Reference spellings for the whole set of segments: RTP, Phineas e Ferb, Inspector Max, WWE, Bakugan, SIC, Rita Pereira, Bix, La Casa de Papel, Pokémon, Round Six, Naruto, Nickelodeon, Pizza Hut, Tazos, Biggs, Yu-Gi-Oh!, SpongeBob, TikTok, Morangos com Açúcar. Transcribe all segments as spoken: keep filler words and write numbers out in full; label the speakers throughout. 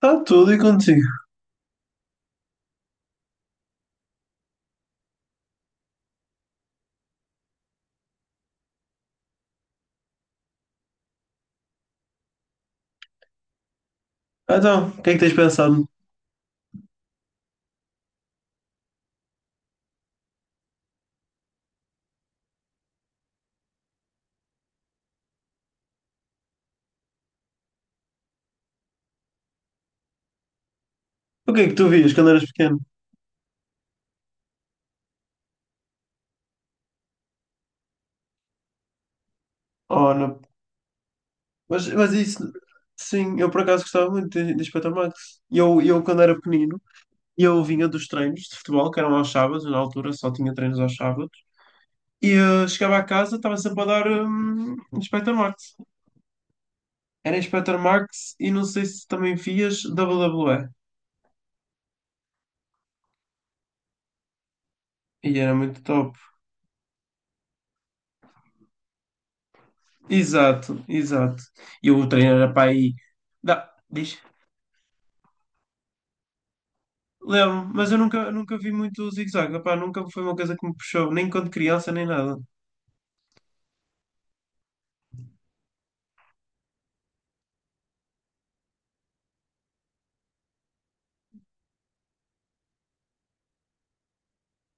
Speaker 1: Está tudo e contigo. Então, o que é que tens pensado? O que é que tu vias quando eras pequeno? Oh, não. Mas, mas isso, sim, eu por acaso gostava muito de, de Inspector Max. E Eu, eu, quando era pequenino, eu vinha dos treinos de futebol, que eram aos sábados, na altura só tinha treinos aos sábados, e eh, chegava a casa, estava sempre a dar hum, Inspector Max. Era Inspector Max e não sei se também vias dáblio dáblio É. E E era muito top. Exato, exato. E o treino era para aí. Dá, diz. Lembro, mas eu nunca, nunca vi muito o zigue-zague. Epá, nunca foi uma coisa que me puxou, nem quando criança, nem nada.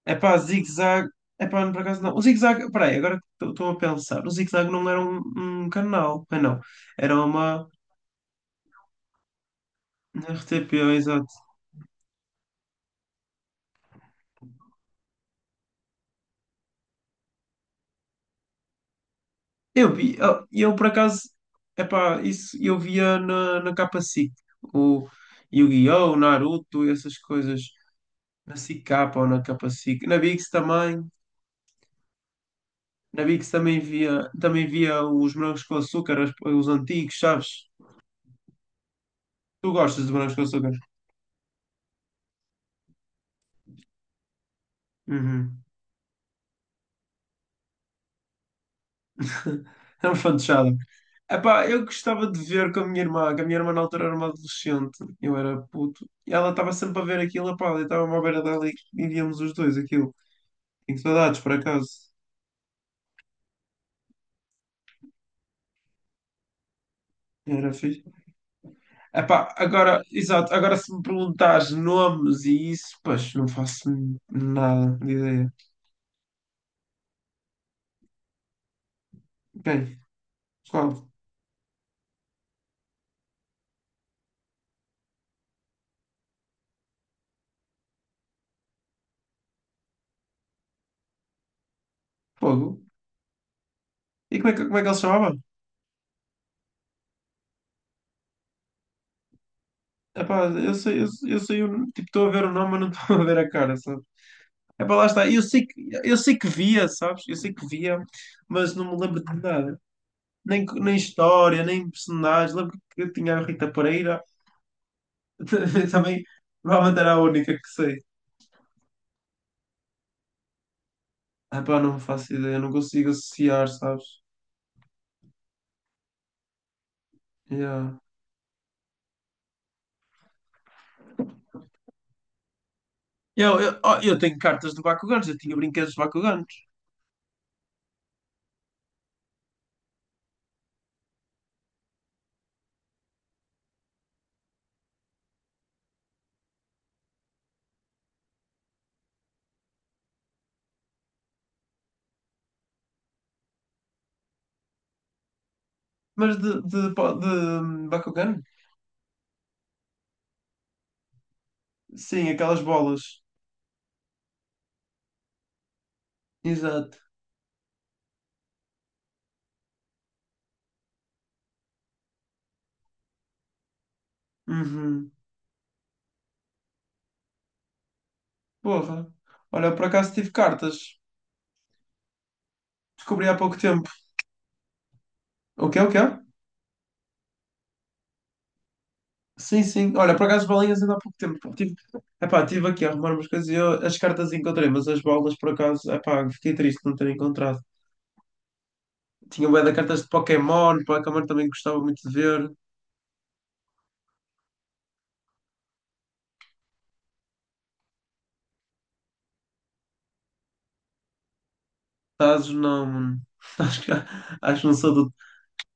Speaker 1: é Epá, zigue-zague. Epá, não, por acaso não. O zigue-zague, peraí, agora que estou a pensar. O zigue-zague não era um, um canal. Ah, não. Era uma na erre tê pê, exato. Eu vi, ah, eu por acaso, é epá, isso eu via na, na capa siqui. O Yu-Gi-Oh! O Naruto, essas coisas. Na siqui capa ou na capa siqui. Na Biggs também. Na Bix também via, também via os morangos com açúcar, os, os antigos, sabes? Tu gostas de morangos com açúcar? Uhum. É um fantochada. Epá, eu gostava de ver com a minha irmã, que a minha irmã na altura era uma adolescente, eu era puto, e ela estava sempre a ver aquilo, epá, eu estava-me à beira dela e e víamos os dois aquilo. Tenho saudades, por acaso. Era fixe. Epá, agora, exato, agora se me perguntares nomes e isso, pois, não faço nada de ideia. Quem? Qual? Fogo? E como é que, como é que ele se chamava? Epá, eu sei, eu, eu sei, o- tipo, estou a ver o nome, mas não estou a ver a cara, sabe? Epá, lá está, eu sei que, eu sei que via, sabes? Eu sei que via, mas não me lembro de nada. Nem, nem história, nem personagens. Lembro que eu tinha a Rita Pereira, também provavelmente era a única que sei. Epá, não faço ideia, não consigo associar, sabes? Yeah. Eu, eu, oh, eu tenho cartas de Bakugans, eu tinha brinquedos de Bakugans, mas de, de, de, de Bakugan? Sim, aquelas bolas. Exato. Uhum. Porra. Olha, eu por acaso tive cartas. Descobri há pouco tempo. O quê? O quê? Sim, sim. Olha, por acaso balinhas ainda há pouco tempo. Pá. Tive... Epá, tive aqui a arrumar umas coisas e eu as cartas encontrei, mas as bolas por acaso, epá, fiquei triste de não ter encontrado. Tinha bué de cartas de Pokémon, Pokémon também gostava muito de ver. Tazos não, mano. Acho que, acho que não sou do,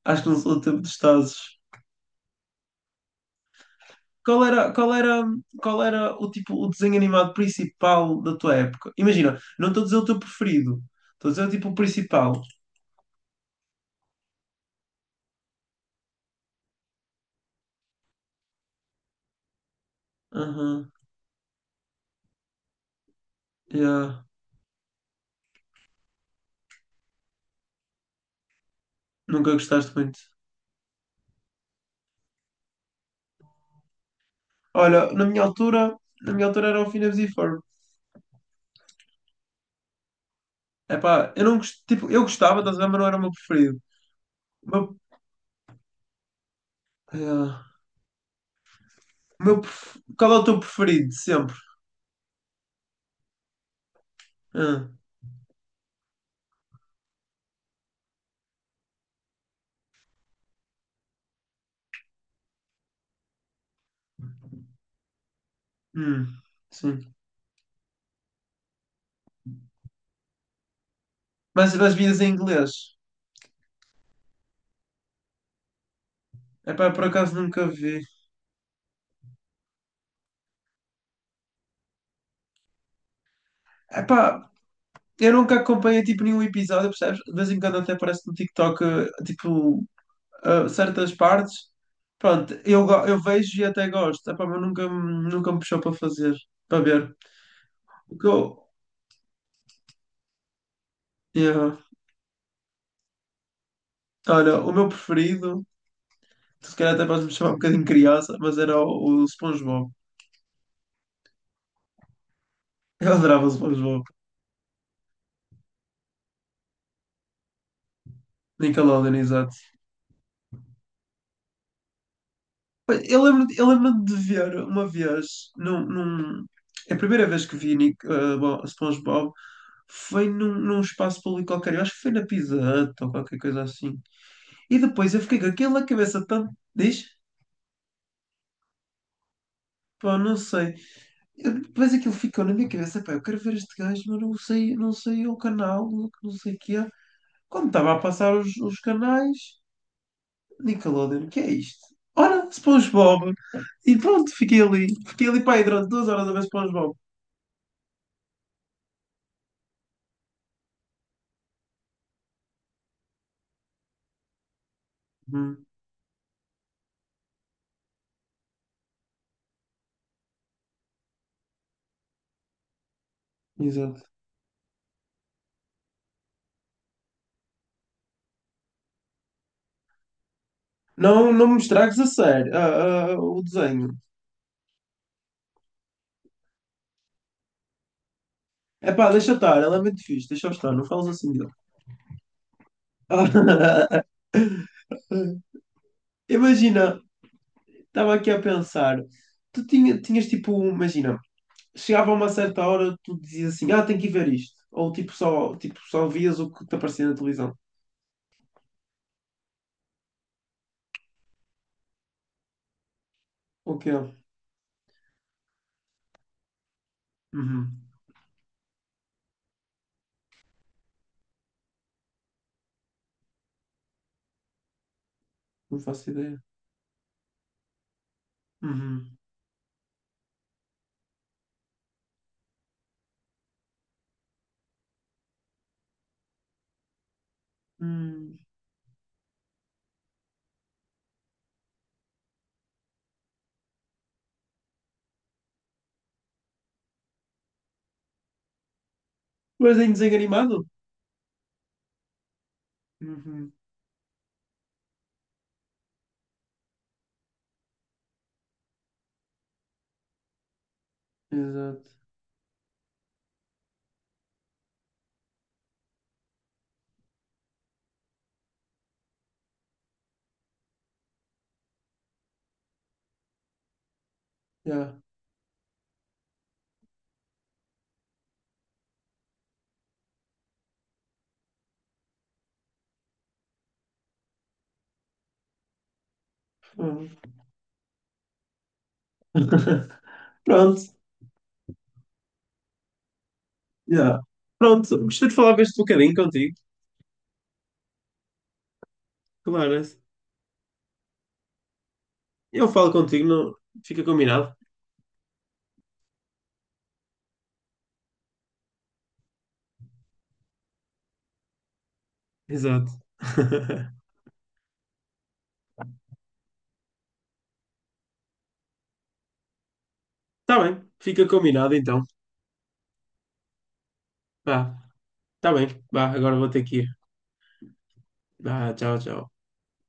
Speaker 1: acho que não sou do tempo dos Tazos. Qual era, qual era, qual era o tipo, o desenho animado principal da tua época? Imagina, não estou a dizer o teu preferido, estou a dizer o tipo o principal. Aham, yeah. Nunca gostaste muito. Olha, na minha altura, na minha altura era o Phineas e Ferb. Epá, eu não gost... tipo, eu gostava, estás a ver, mas não era o meu preferido. O meu... yeah. O meu pref- Qual é o teu preferido, de sempre? Ah, hum, sim. Mas das vias em inglês? Epá, por acaso nunca vi. Epá, eu nunca acompanhei, tipo, nenhum episódio, percebes? De vez em quando até aparece no TikTok, eh, tipo, ah, certas partes. Pronto, eu, go- eu vejo e até gosto. Epá, mas nunca, me- nunca me puxou para fazer, para ver. O que eu- Yeah. Olha, o meu preferido, se calhar até podes me chamar um bocadinho criança, mas era o, o SpongeBob. Eu adorava o SpongeBob. Nickelodeon, exato. Pois, Eu lembro, eu lembro de ver uma vez, num, num- é a primeira vez que vi Nick, eh, Bo- SpongeBob foi num, num espaço público qualquer, eu acho que foi na Pizza Hut ou qualquer coisa assim. E depois eu fiquei com aquilo na cabeça tanto. Diz? Pá, não sei. Eu- depois aquilo ficou na minha cabeça, pá, eu quero ver este gajo, mas não sei, não sei o canal, não não sei o que é. Quando estava a passar os, os canais, Nickelodeon, o que é isto? Ora, SpongeBob. E pronto, fiquei ali. Fiquei ali, pá, aí durante duas horas a ver SpongeBob. Uhum, exato. Não, não me estragues a sério, ah, ah, o desenho. É pá, deixa estar, ela é muito fixe, deixa estar, não falas assim dele. Imagina, estava aqui a pensar, tu tinha, tinhas tipo, imagina. Chegava a uma certa hora, tu dizias assim, ah, tenho que ir ver isto. Ou tipo só, tipo, só vias o que te aparecia na televisão. O que é? Uhum. Não faço ideia. Uhum. Hum. Mas em desenho animado? Uhum. Exato. Yeah. Uhum. Pronto. Yeah. Pronto. Gostei de falar este bocadinho contigo. Claro. É. Eu falo contigo, não... fica combinado. Exato. Tá bem. Fica combinado então. Vá. Tá bem. Vá, agora vou ter que ir. Vá, tchau, tchau.